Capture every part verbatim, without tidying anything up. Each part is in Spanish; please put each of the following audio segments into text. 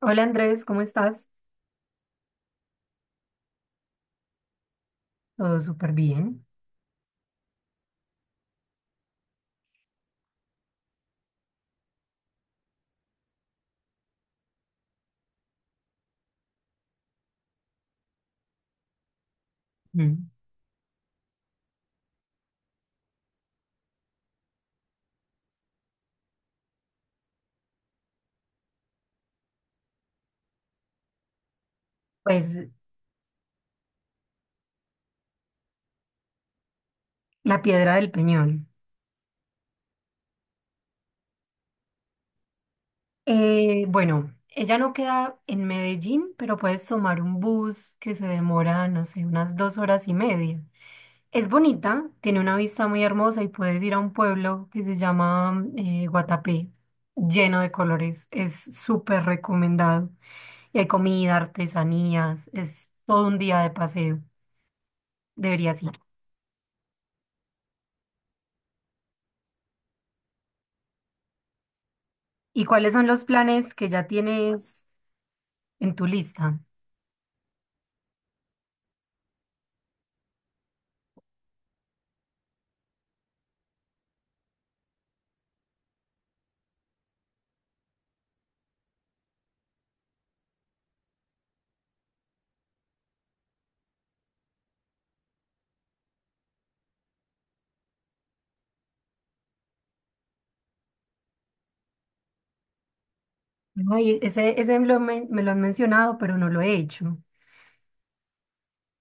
Hola Andrés, ¿cómo estás? Todo súper bien. Mm. Pues la Piedra del Peñón. Eh, bueno, ella no queda en Medellín, pero puedes tomar un bus que se demora, no sé, unas dos horas y media. Es bonita, tiene una vista muy hermosa y puedes ir a un pueblo que se llama eh, Guatapé, lleno de colores. Es súper recomendado. Y hay comida, artesanías, es todo un día de paseo. Deberías ir. ¿Y cuáles son los planes que ya tienes en tu lista? Ay, ese, ese me lo, men- me lo han mencionado, pero no lo he hecho.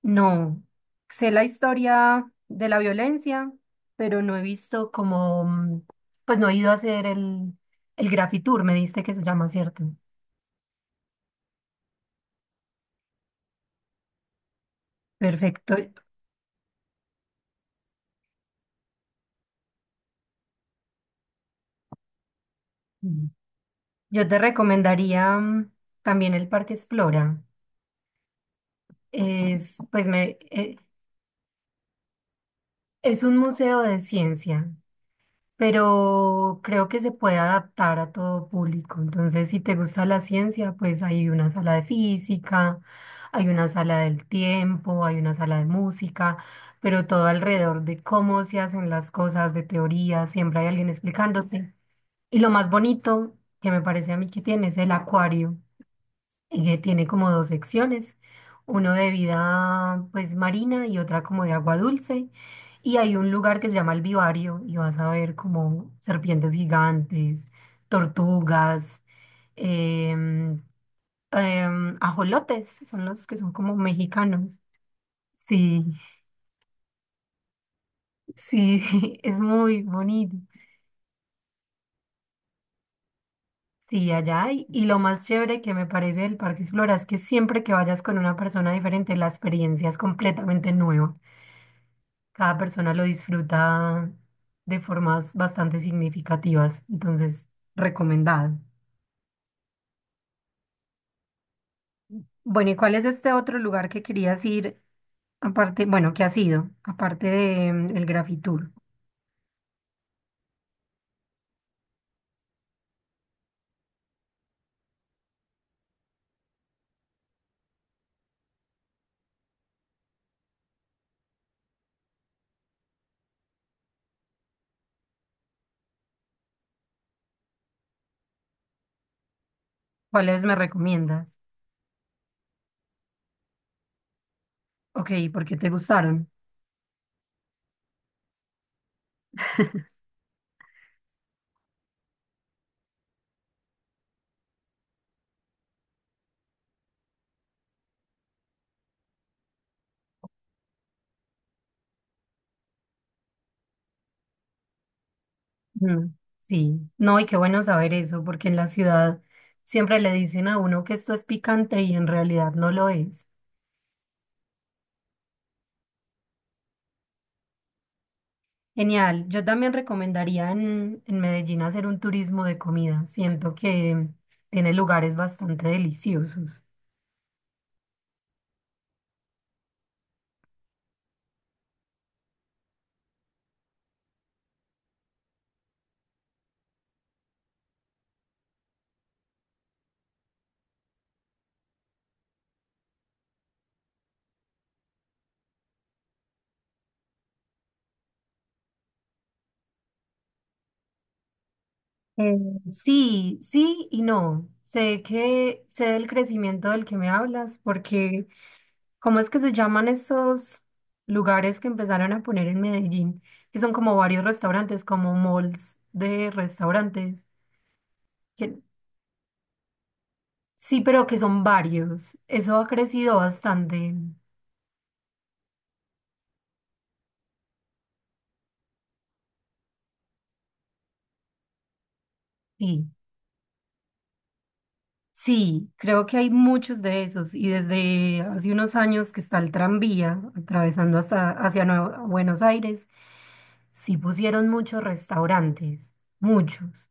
No, sé la historia de la violencia, pero no he visto como, mm, pues no he ido a hacer el, el Grafitour, me diste que se llama, ¿cierto? Perfecto. Mm. Yo te recomendaría mm, también el Parque Explora. Es, pues me, eh, es un museo de ciencia, pero creo que se puede adaptar a todo público. Entonces, si te gusta la ciencia, pues hay una sala de física, hay una sala del tiempo, hay una sala de música, pero todo alrededor de cómo se hacen las cosas, de teoría, siempre hay alguien explicándote. Y lo más bonito que me parece a mí que tiene es el acuario. Ella tiene como dos secciones, uno de vida pues marina y otra como de agua dulce. Y hay un lugar que se llama el Vivario y vas a ver como serpientes gigantes, tortugas, em, em, ajolotes, son los que son como mexicanos. Sí, sí, es muy bonito. Sí, allá hay. Y lo más chévere que me parece del Parque Explora es que siempre que vayas con una persona diferente, la experiencia es completamente nueva. Cada persona lo disfruta de formas bastante significativas, entonces recomendado. Bueno, ¿y cuál es este otro lugar que querías ir aparte, bueno, que has ido, aparte de mm, el Grafitour? ¿Cuáles me recomiendas? Ok, ¿por qué te gustaron? Mm, sí, no, y qué bueno saber eso, porque en la ciudad siempre le dicen a uno que esto es picante y en realidad no lo es. Genial. Yo también recomendaría en, en Medellín hacer un turismo de comida. Siento que tiene lugares bastante deliciosos. Eh, sí, sí y no. Sé que sé del crecimiento del que me hablas, porque ¿cómo es que se llaman esos lugares que empezaron a poner en Medellín? Que son como varios restaurantes, como malls de restaurantes. que- sí, pero que son varios. Eso ha crecido bastante. Sí. Sí, creo que hay muchos de esos y desde hace unos años que está el tranvía atravesando hasta- hacia Nueva- Buenos Aires, sí pusieron muchos restaurantes, muchos.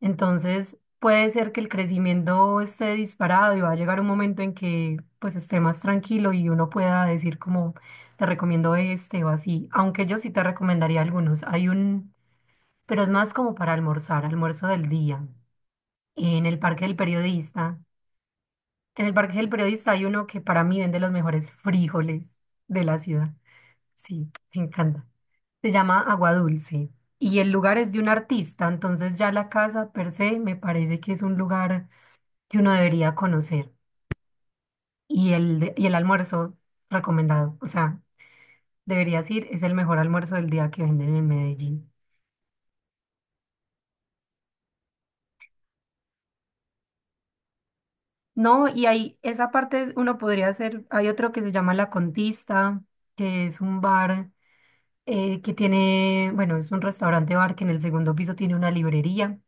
Entonces puede ser que el crecimiento esté disparado y va a llegar un momento en que pues esté más tranquilo y uno pueda decir como te recomiendo este o así, aunque yo sí te recomendaría algunos. Hay un, pero es más como para almorzar, almuerzo del día en el Parque del Periodista. En el Parque del Periodista hay uno que para mí vende los mejores frijoles de la ciudad. Sí, me encanta. Se llama Agua Dulce y el lugar es de un artista, entonces ya la casa per se me parece que es un lugar que uno debería conocer. Y el, de- y el almuerzo recomendado, o sea, deberías ir, es el mejor almuerzo del día que venden en Medellín. No, y ahí esa parte es uno podría hacer, hay otro que se llama La Contista, que es un bar, eh, que tiene, bueno, es un restaurante bar que en el segundo piso tiene una librería,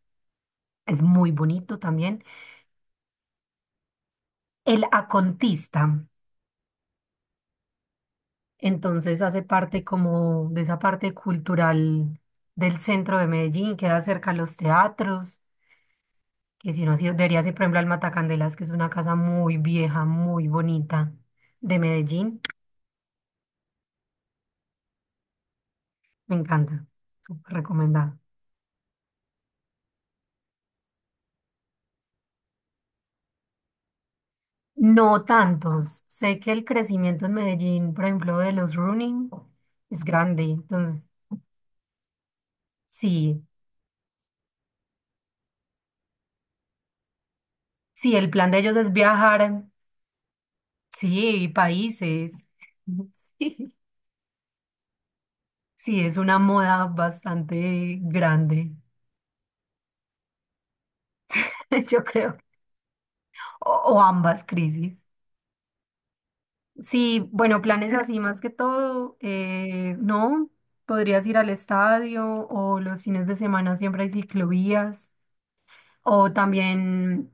es muy bonito también. El Acontista, entonces hace parte como de esa parte cultural del centro de Medellín, queda cerca a los teatros, que si no, si- debería ser, por ejemplo, al Matacandelas, que es una casa muy vieja, muy bonita de Medellín, me encanta, súper recomendado. No tantos. Sé que el crecimiento en Medellín, por ejemplo, de los running es grande. Entonces, Sí, sí, el plan de ellos es viajar, sí, países. Sí, sí, es una moda bastante grande, yo creo, o, o ambas crisis. Sí, bueno, planes así más que todo, eh, no, podrías ir al estadio o los fines de semana siempre hay ciclovías. O también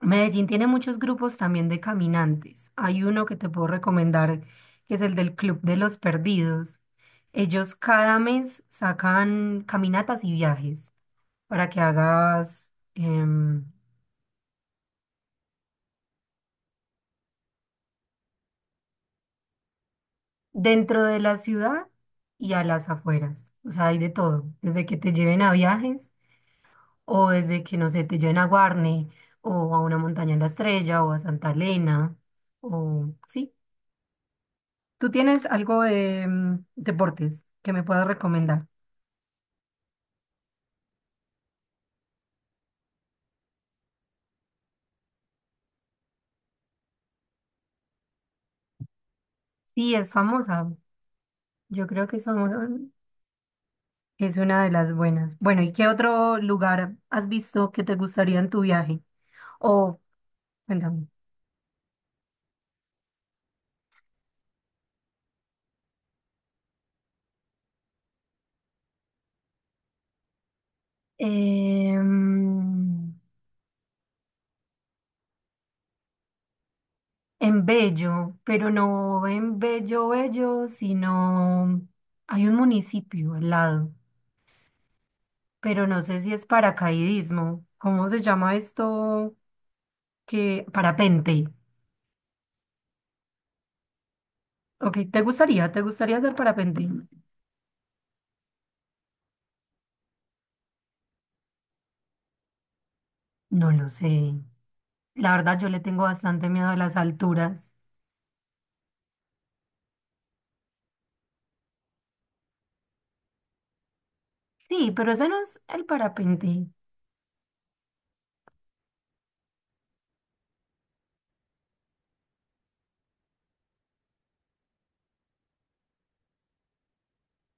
Medellín tiene muchos grupos también de caminantes. Hay uno que te puedo recomendar, que es el del Club de los Perdidos. Ellos cada mes sacan caminatas y viajes para que hagas em, dentro de la ciudad y a las afueras. O sea, hay de todo, desde que te lleven a viajes o desde que, no sé, te lleven a Guarne o a una montaña en la Estrella o a Santa Elena o sí. ¿Tú tienes algo de mm, deportes que me puedas recomendar? Sí, es famosa. Yo creo que somos- es una de las buenas. Bueno, ¿y qué otro lugar has visto que te gustaría en tu viaje? O, cuéntame. Em, en Bello, pero no en Bello Bello, sino hay un municipio al lado, pero no sé si es paracaidismo. ¿Cómo se llama esto? Que parapente. Ok, ¿te gustaría? ¿Te gustaría hacer parapente? No lo sé. La verdad, yo le tengo bastante miedo a las alturas. Sí, pero ese no es el parapente.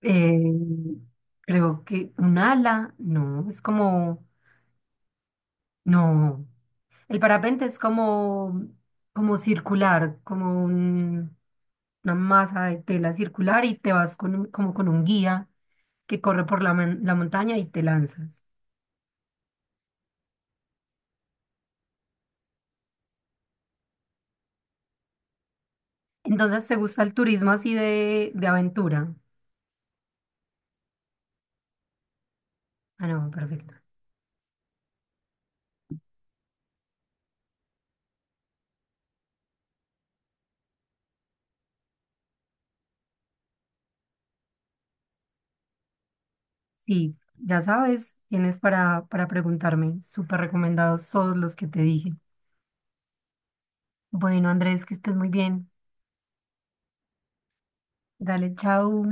Eh, creo que un ala, no, es como, no. El parapente es como, como circular, como un- una masa de tela circular y te vas con un- como con un guía que corre por la, mon- la montaña y te lanzas. Entonces, ¿te gusta el turismo así de, de aventura? Ah, no, perfecto. Sí, ya sabes, tienes para, para preguntarme. Súper recomendados todos los que te dije. Bueno, Andrés, que estés muy bien. Dale, chao.